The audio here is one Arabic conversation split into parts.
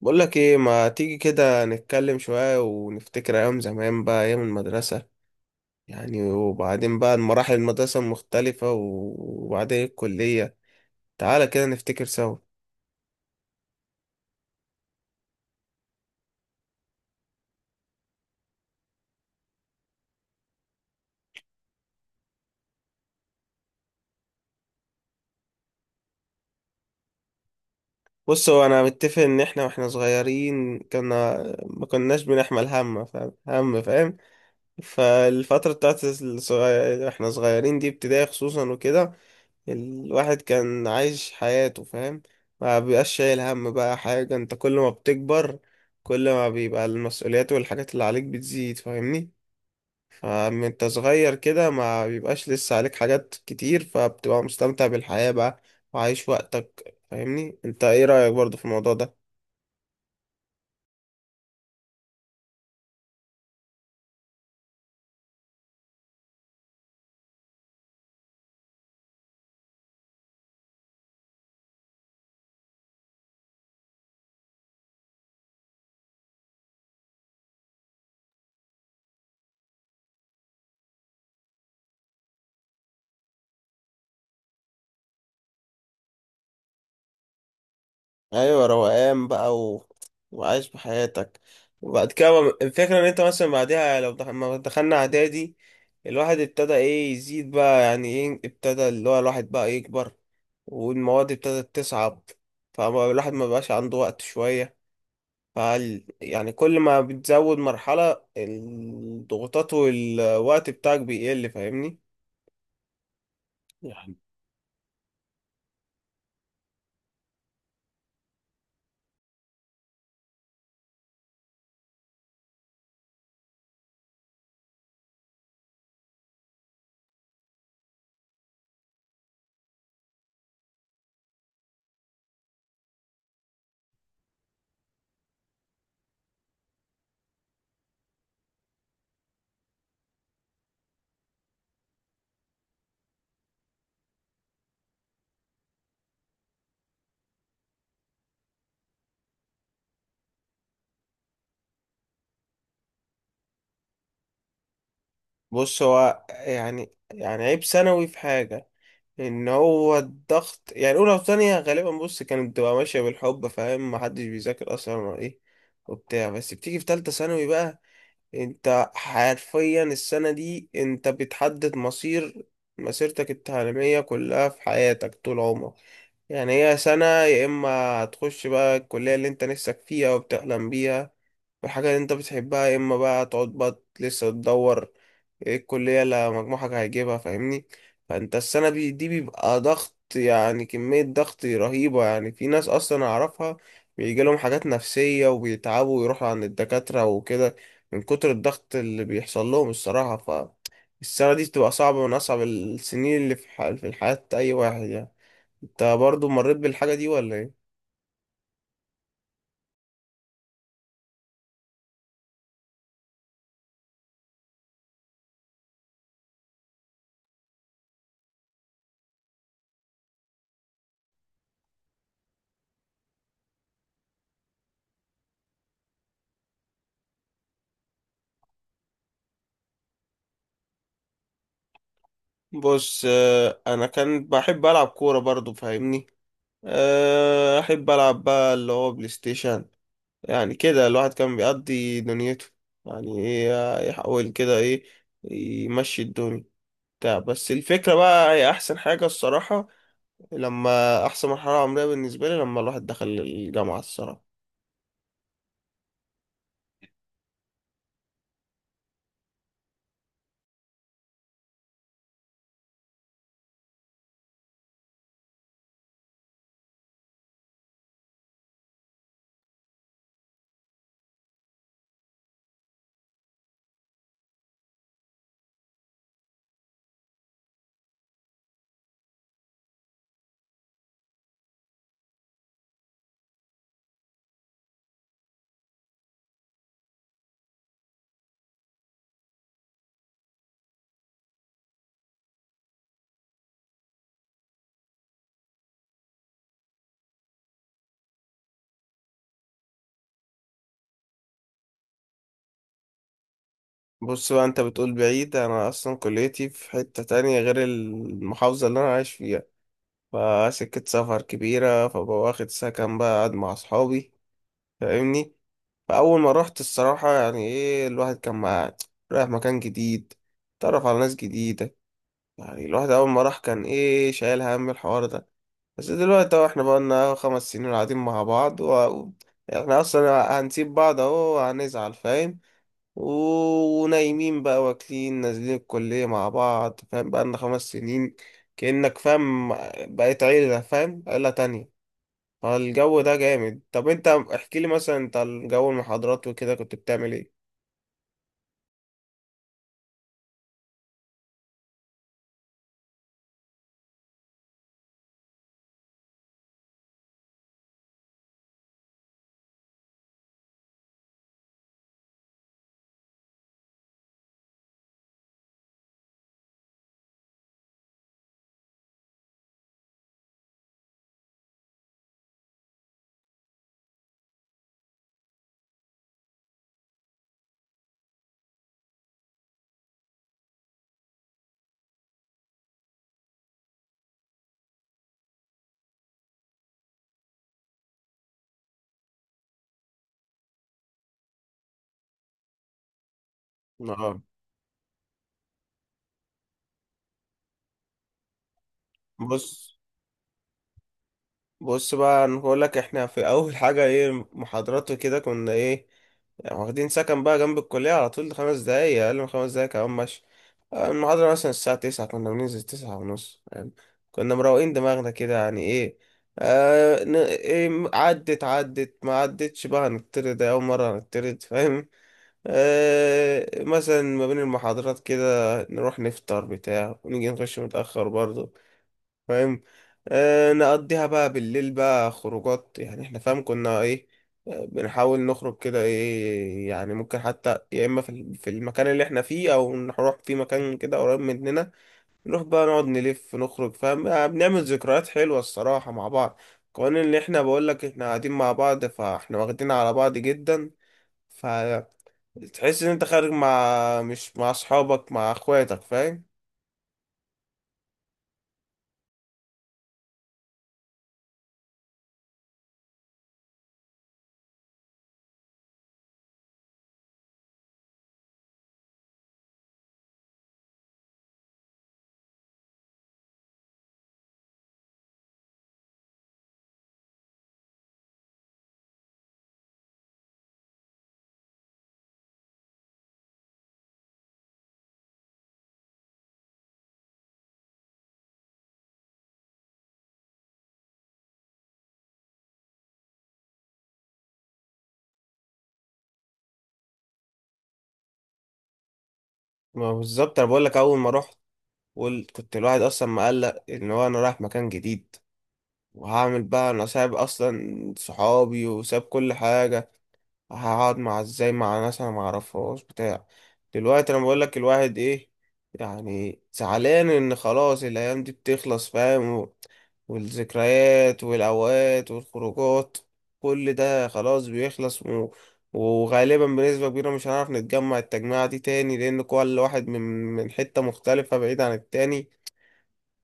بقول لك ايه، ما تيجي كده نتكلم شوية ونفتكر ايام زمان بقى، ايام المدرسة يعني. وبعدين بقى مراحل المدرسة المختلفة وبعدين الكلية. تعالى كده نفتكر سوا. بص هو انا متفق ان احنا واحنا صغيرين كنا ما كناش بنحمل هم، فاهم؟ هم، فاهم؟ فالفترة بتاعت الصغير احنا صغيرين دي، ابتدائي خصوصا وكده، الواحد كان عايش حياته، فاهم. ما بيبقاش شايل هم بقى حاجة. انت كل ما بتكبر، كل ما بيبقى المسؤوليات والحاجات اللي عليك بتزيد، فاهمني. فمن انت صغير كده ما بيبقاش لسه عليك حاجات كتير، فبتبقى مستمتع بالحياة بقى وعايش وقتك، فاهمني. انت ايه رأيك برضو في الموضوع ده؟ ايوه، روقان بقى وعايش بحياتك. وبعد كده الفكره ان انت مثلا بعدها، لو ما دخلنا اعدادي الواحد ابتدى ايه يزيد بقى، يعني ايه، ابتدى اللي هو الواحد بقى يكبر، والمواد ابتدت تصعب، فالواحد ما بقاش عنده وقت شويه. يعني كل ما بتزود مرحله، الضغوطات والوقت بتاعك بيقل، فاهمني. يعني. بص هو يعني عيب ثانوي في حاجه، ان هو الضغط. يعني اولى وثانيه غالبا بص كانت بتبقى ماشيه بالحب، فاهم، محدش بيذاكر اصلا ولا ايه وبتاع. بس بتيجي في ثالثه ثانوي بقى، انت حرفيا السنه دي انت بتحدد مصير مسيرتك التعليميه كلها في حياتك طول عمرك. يعني هي سنه، يا اما هتخش بقى الكليه اللي انت نفسك فيها وبتحلم بيها والحاجه اللي انت بتحبها، يا اما بقى تقعد بقى لسه تدور ايه الكلية اللي مجموعك هيجيبها، فاهمني. فانت السنة دي بيبقى ضغط، يعني كمية ضغط رهيبة. يعني في ناس اصلا اعرفها بيجيلهم حاجات نفسية وبيتعبوا ويروحوا عند الدكاترة وكده من كتر الضغط اللي بيحصل لهم الصراحة. ف، السنة دي بتبقى صعبة، من أصعب السنين اللي في في الحياة أي واحد يعني. أنت برضو مريت بالحاجة دي ولا إيه؟ بص، أنا كان بحب ألعب كورة برضو، فاهمني. أحب ألعب بقى اللي هو بلاي ستيشن. يعني كده الواحد كان بيقضي دنيته، يعني ايه، يحاول كده ايه، يمشي الدنيا بتاع بس الفكرة بقى، هي أحسن حاجة الصراحة، لما، أحسن مرحلة عمرية بالنسبة لي، لما الواحد دخل الجامعة الصراحة. بص بقى أنت بتقول بعيد، أنا أصلا كليتي في حتة تانية غير المحافظة اللي أنا عايش فيها، فسكة سفر كبيرة، فبقى واخد سكن بقى قاعد مع أصحابي، فاهمني. فأول ما رحت الصراحة، يعني إيه، الواحد كان مع، رايح مكان جديد، اتعرف على ناس جديدة. يعني الواحد أول ما راح كان إيه، شايل هم الحوار ده. بس دلوقتي أهو إحنا بقالنا 5 سنين قاعدين مع بعض إحنا أصلا هنسيب بعض أهو؟ هنزعل، فاهم، ونايمين بقى واكلين نازلين الكلية مع بعض، فاهم، بقالنا 5 سنين، كأنك فاهم، بقيت عيلة، فاهم، عيلة تانية. فالجو ده جامد. طب انت احكي لي مثلا، انت الجو، المحاضرات وكده، كنت بتعمل ايه؟ اه. بص بص بقى انا بقول لك، احنا في اول حاجه ايه، محاضرات وكده كنا ايه، يعني واخدين سكن بقى جنب الكليه على طول، 5 دقايق، اقل من 5 دقايق كمان، ماشي. المحاضره مثلا الساعه 9 كنا بننزل 9 ونص يعني. كنا مروقين دماغنا كده، يعني ايه. إيه، عدت ما عدتش بقى، هنطرد، أول مرة هنطرد، فاهم. مثلا ما بين المحاضرات كده نروح نفطر بتاع، ونيجي نخش متأخر برضه، فاهم. نقضيها بقى بالليل بقى خروجات، يعني احنا فاهم كنا ايه. بنحاول نخرج كده ايه، يعني ممكن حتى يا اما في في المكان اللي احنا فيه او نروح في مكان كده قريب مننا. نروح بقى نقعد نلف نخرج، فاهم. بنعمل ذكريات حلوة الصراحة مع بعض. كمان اللي احنا بقول لك، احنا قاعدين مع بعض، فاحنا واخدين على بعض جدا. فتحس ان انت خارج مش مع اصحابك، مع اخواتك، فاهم. ما بالظبط، انا بقول لك، اول ما رحت كنت الواحد اصلا مقلق ان هو انا رايح مكان جديد، وهعمل بقى، انا سايب اصلا صحابي وساب كل حاجه، هقعد مع، ازاي مع ناس انا معرفهاش بتاع. دلوقتي انا بقول لك الواحد ايه، يعني زعلان ان خلاص الايام دي بتخلص، فاهم، والذكريات والاوقات والخروجات، كل ده خلاص بيخلص وغالبا بنسبة كبيرة مش هنعرف نتجمع التجميعة دي تاني، لأن كل واحد من حتة مختلفة بعيد عن التاني.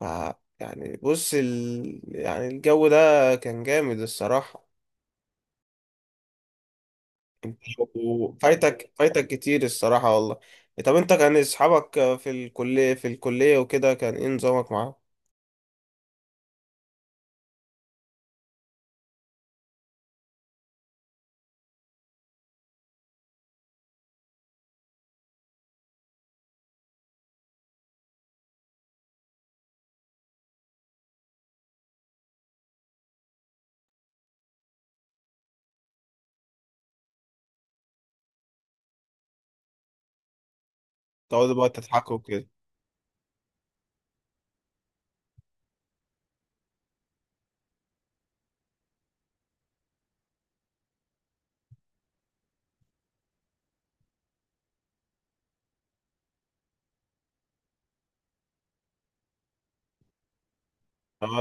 ف، يعني بص يعني الجو ده كان جامد الصراحة. وفايتك، فايتك كتير الصراحة والله. طب انت كان اصحابك في الكلية وكده، كان ايه نظامك معاهم؟ تقعدوا بقى تضحكوا كده.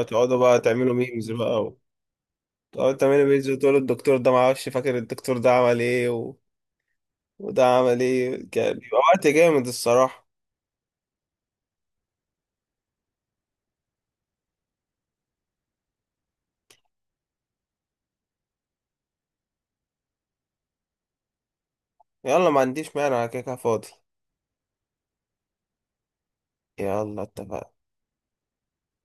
تقعدوا بقى تعملوا ميمز بقى تقعدوا تعملوا ميمز، وتقولوا الدكتور ده، معرفش، فاكر الدكتور ده عمل ايه وده عمل ايه. كان بيبقى وقت جامد الصراحة. يلا، ما عنديش مانع، أنا كده كده فاضي. يلا اتفقنا.